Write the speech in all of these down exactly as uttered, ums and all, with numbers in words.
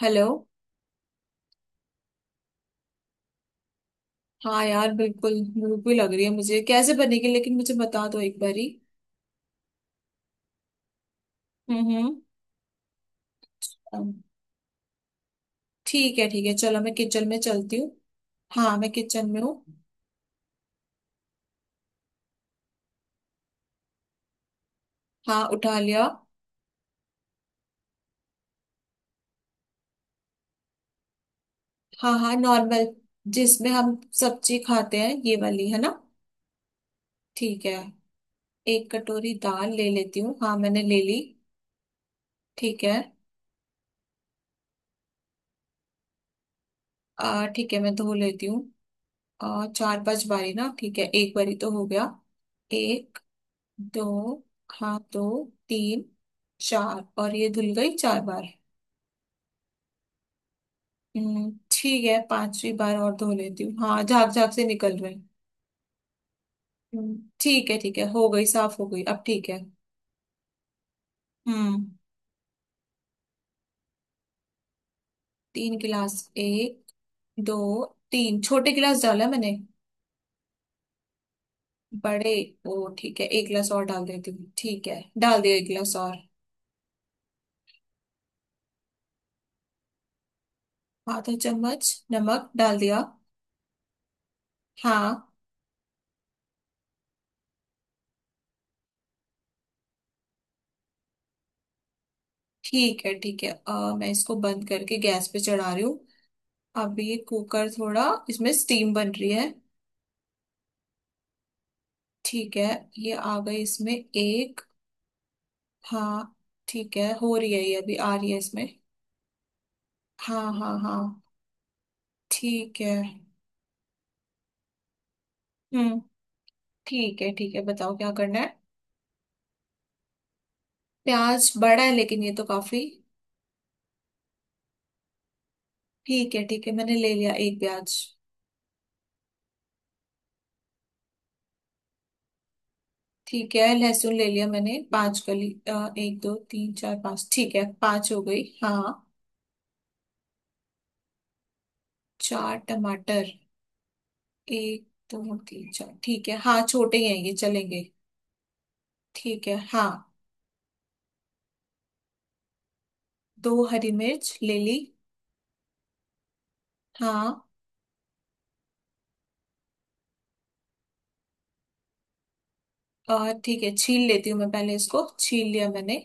Hello. हाँ, यार बिल्कुल भूख भी लग रही है। मुझे कैसे बनेगी लेकिन मुझे बता दो एक बारी। हम्म। हम्म। अम, ठीक है, ठीक है, चलो मैं किचन में चलती हूँ। हाँ, मैं किचन में हूँ। हाँ, उठा लिया। हाँ, हाँ, नॉर्मल। जिसमें हम सब्जी खाते हैं, ये वाली है ना। ठीक है, एक कटोरी दाल ले लेती हूँ। हाँ, मैंने ले ली। ठीक है। आ ठीक है, मैं धो लेती हूँ। आ, चार पांच बारी ना। ठीक है, एक बारी तो हो गया। एक। दो। हाँ, दो। तीन। चार, और ये धुल गई चार बार। हम्म, ठीक है, पांचवी बार और धो लेती हूँ। हाँ, झाग झाग से निकल रहे हैं। हम्म, ठीक है, ठीक है, हो गई, साफ हो गई अब, ठीक है। हम्म। तीन गिलास। एक। दो। तीन छोटे गिलास डाला मैंने। बड़े। ओ, ठीक है, एक गिलास और डाल देती हूँ। ठीक है, डाल दिया एक गिलास और। आधा चम्मच नमक डाल दिया। हाँ। ठीक है, ठीक है, अ, मैं इसको बंद करके गैस पे चढ़ा रही हूँ। अभी कुकर थोड़ा, इसमें स्टीम बन रही है। ठीक है। ये आ गई, इसमें एक। हाँ। ठीक है, हो रही है ये, अभी आ रही है इसमें। हाँ, हाँ, हाँ। ठीक है। हम्म। ठीक है, ठीक है, बताओ क्या करना है। प्याज बड़ा है लेकिन ये तो काफी। ठीक है, ठीक है, मैंने ले लिया एक प्याज। ठीक है, लहसुन ले लिया मैंने पांच कली। अ, एक, दो, तीन, चार, पांच। ठीक है, पांच हो गई। हाँ। चार टमाटर। एक। दो, तीन, चार। ठीक है, हाँ छोटे ही हैं ये, चलेंगे। ठीक है, हाँ। दो हरी मिर्च ले ली। हाँ। अ, ठीक है, छील लेती हूँ मैं पहले इसको, छील लिया मैंने।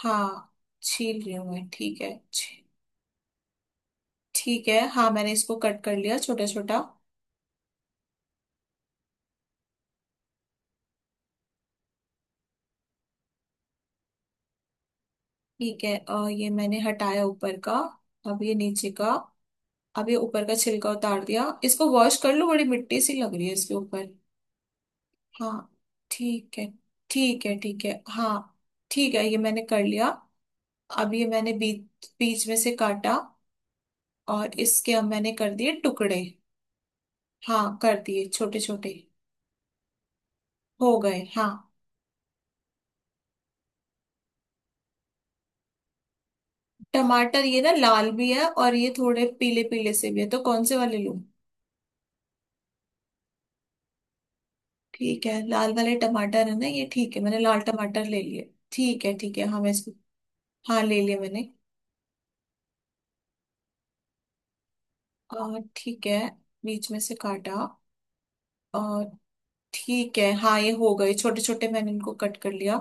हाँ। छील रही हूँ मैं, ठीक है, छी- ठीक है, हाँ मैंने इसको कट कर लिया छोटा छोटा। ठीक है, अ, ये मैंने हटाया ऊपर का। अब ये नीचे का। अब ये ऊपर का छिलका उतार दिया। इसको वॉश कर लो, बड़ी मिट्टी सी लग रही है इसके ऊपर। हाँ। ठीक है। ठीक है, ठीक है, हाँ। ठीक है, ये मैंने कर लिया। अब ये मैंने बीच बीच में से काटा। और इसके अब मैंने कर दिए टुकड़े। हाँ, कर दिए छोटे छोटे। हो गए, हाँ। टमाटर ये ना लाल भी है और ये थोड़े पीले पीले से भी है, तो कौन से वाले लूं। ठीक है, लाल वाले टमाटर है ना ये। ठीक है, मैंने लाल टमाटर ले लिए। ठीक है, ठीक है, हाँ मैं इसको, हाँ ले लिया मैंने। और ठीक है, बीच में से काटा। और ठीक है, हाँ ये हो गए छोटे छोटे, मैंने इनको कट कर लिया।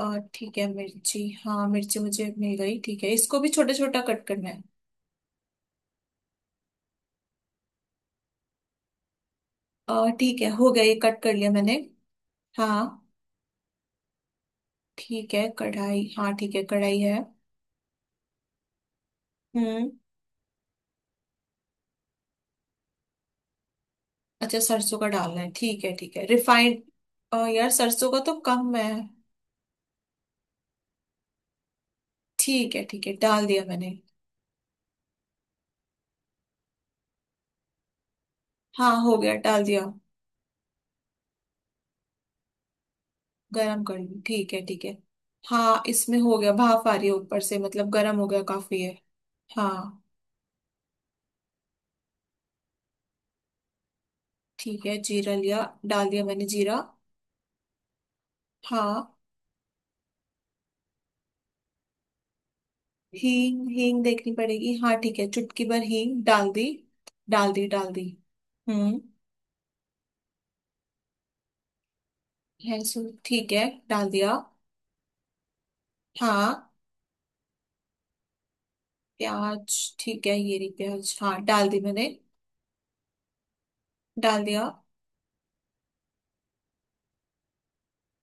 और ठीक है, मिर्ची, हाँ मिर्ची मुझे मिल गई। ठीक है, इसको भी छोटा छोटा कट करना है। और ठीक है, हो गया, ये कट कर लिया मैंने। हाँ। ठीक है, कढ़ाई, हाँ ठीक है, कढ़ाई है। हम्म। अच्छा, सरसों का डालना है, ठीक है, ठीक है, रिफाइंड। यार सरसों का तो कम है। ठीक है, ठीक है, डाल दिया मैंने। हाँ, हो गया, डाल दिया। गरम कर ली, ठीक है, ठीक है। हाँ, इसमें हो गया, भाप आ रही है ऊपर से, मतलब गरम हो गया, काफी है। हाँ। ठीक है, जीरा लिया, डाल दिया मैंने जीरा। हाँ। हींग, हींग देखनी पड़ेगी। हाँ, ठीक है, चुटकी भर हींग डाल दी। डाल दी, डाल दी। हम्म। है सो ठीक है, डाल दिया। हाँ। प्याज, ठीक है ये रही प्याज। हाँ, डाल दी मैंने। डाल दिया।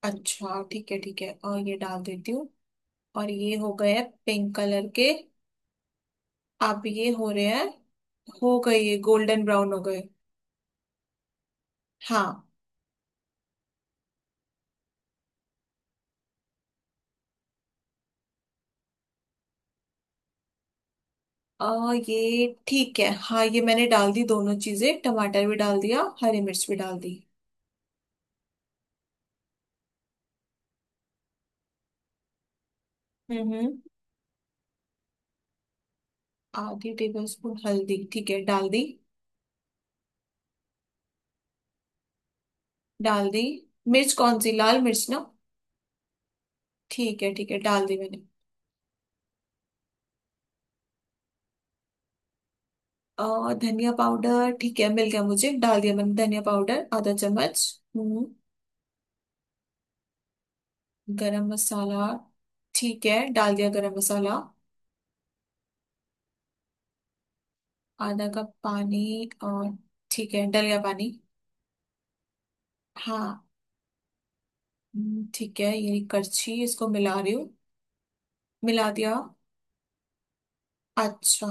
अच्छा, ठीक है, ठीक है, और ये डाल देती हूँ। और ये हो गए पिंक कलर के। अब ये हो रहे हैं। हो गए, ये गोल्डन ब्राउन हो गए। हाँ। और ये ठीक है, हाँ ये मैंने डाल दी दोनों चीजें, टमाटर भी डाल दिया, हरी मिर्च भी डाल दी। हम्म। आधी टेबल स्पून हल्दी, ठीक है, डाल दी। डाल दी। मिर्च कौन सी, लाल मिर्च ना। ठीक है, ठीक है, डाल दी मैंने। और धनिया पाउडर, ठीक है, मिल गया मुझे, डाल दिया मैंने धनिया पाउडर आधा चम्मच। हम्म। गरम मसाला, ठीक है, डाल दिया गरम मसाला। आधा कप पानी और, ठीक है, डल गया पानी। हाँ। हम्म, ठीक है, ये करछी इसको मिला रही हूँ। मिला दिया। अच्छा।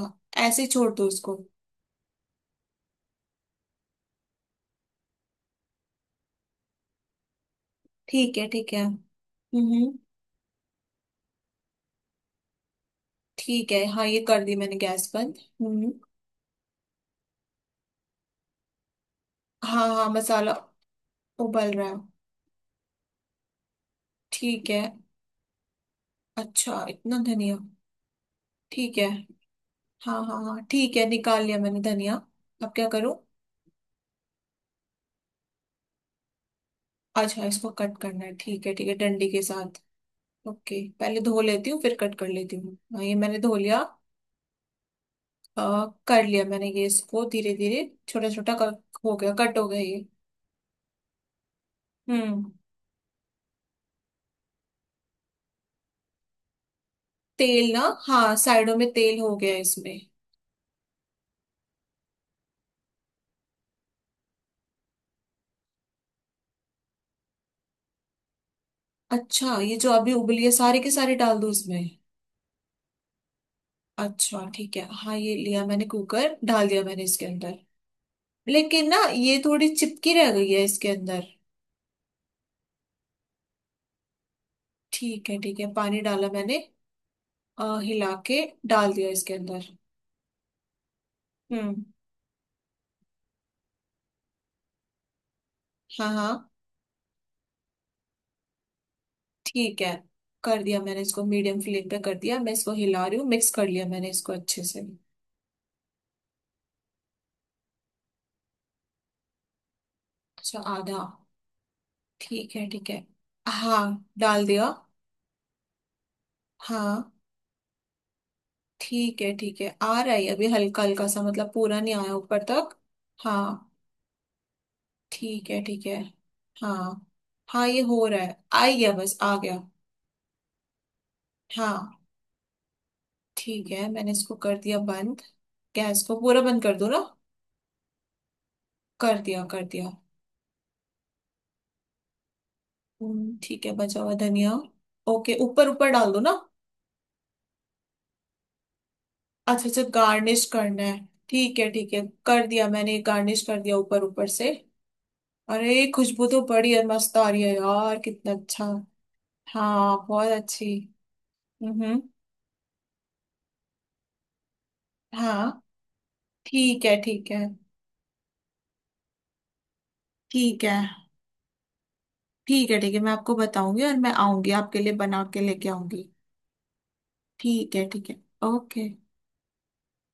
ऐसे ही छोड़ दो इसको। ठीक है, ठीक है। हम्म। ठीक है, हाँ ये कर दी मैंने गैस बंद। हम्म। हाँ, हाँ, मसाला उबल रहा है। ठीक है। अच्छा इतना धनिया। ठीक है। हाँ, हाँ, हाँ। ठीक है, निकाल लिया मैंने धनिया। अब क्या करूँ। अच्छा, इसको कट करना है, ठीक है, ठीक है, डंडी के साथ। ओके, पहले धो लेती हूँ, फिर कट कर लेती हूँ। हाँ, ये मैंने धो लिया। अ, कर लिया मैंने ये, इसको धीरे धीरे छोटा छोटा कर। हो गया, कट हो गया ये। हम्म। तेल ना। हाँ, साइडों में तेल हो गया इसमें। अच्छा, ये जो अभी उबली है सारे के सारे डाल दूँ इसमें। अच्छा, ठीक है, हाँ ये लिया मैंने कुकर, डाल दिया मैंने इसके अंदर। लेकिन ना ये थोड़ी चिपकी रह गई है इसके अंदर। ठीक है, ठीक है, पानी डाला मैंने। अ, हिला के डाल दिया इसके अंदर। हम्म। हाँ, हाँ। ठीक है, कर दिया मैंने इसको मीडियम फ्लेम पे, कर दिया, मैं इसको हिला रही हूँ, मिक्स कर लिया मैंने इसको अच्छे से। अच्छा, आधा। ठीक है, ठीक है। हाँ। डाल दिया। हाँ। ठीक है, ठीक है, आ रहा है अभी हल्का हल्का सा, मतलब पूरा नहीं आया ऊपर तक। हाँ। ठीक है, ठीक है। हाँ। हाँ, ये हो रहा है, आ गया, बस आ गया। हाँ। ठीक है, मैंने इसको कर दिया बंद। गैस को पूरा बंद कर दो ना। कर दिया, कर दिया। हम्म, ठीक है, बचा हुआ धनिया। ओके, ऊपर ऊपर डाल दो ना। अच्छा, अच्छा, गार्निश करना है। ठीक है, ठीक है। कर दिया मैंने, गार्निश कर दिया ऊपर ऊपर से। अरे, खुशबू तो बड़ी है, मस्त आ रही है यार, कितना अच्छा। हाँ, बहुत अच्छी। हम्म। हाँ। ठीक है। ठीक है। ठीक है। ठीक है। ठीक है, मैं आपको बताऊंगी, और मैं आऊंगी आपके लिए बना के लेके आऊंगी। ठीक है, ठीक है। ओके।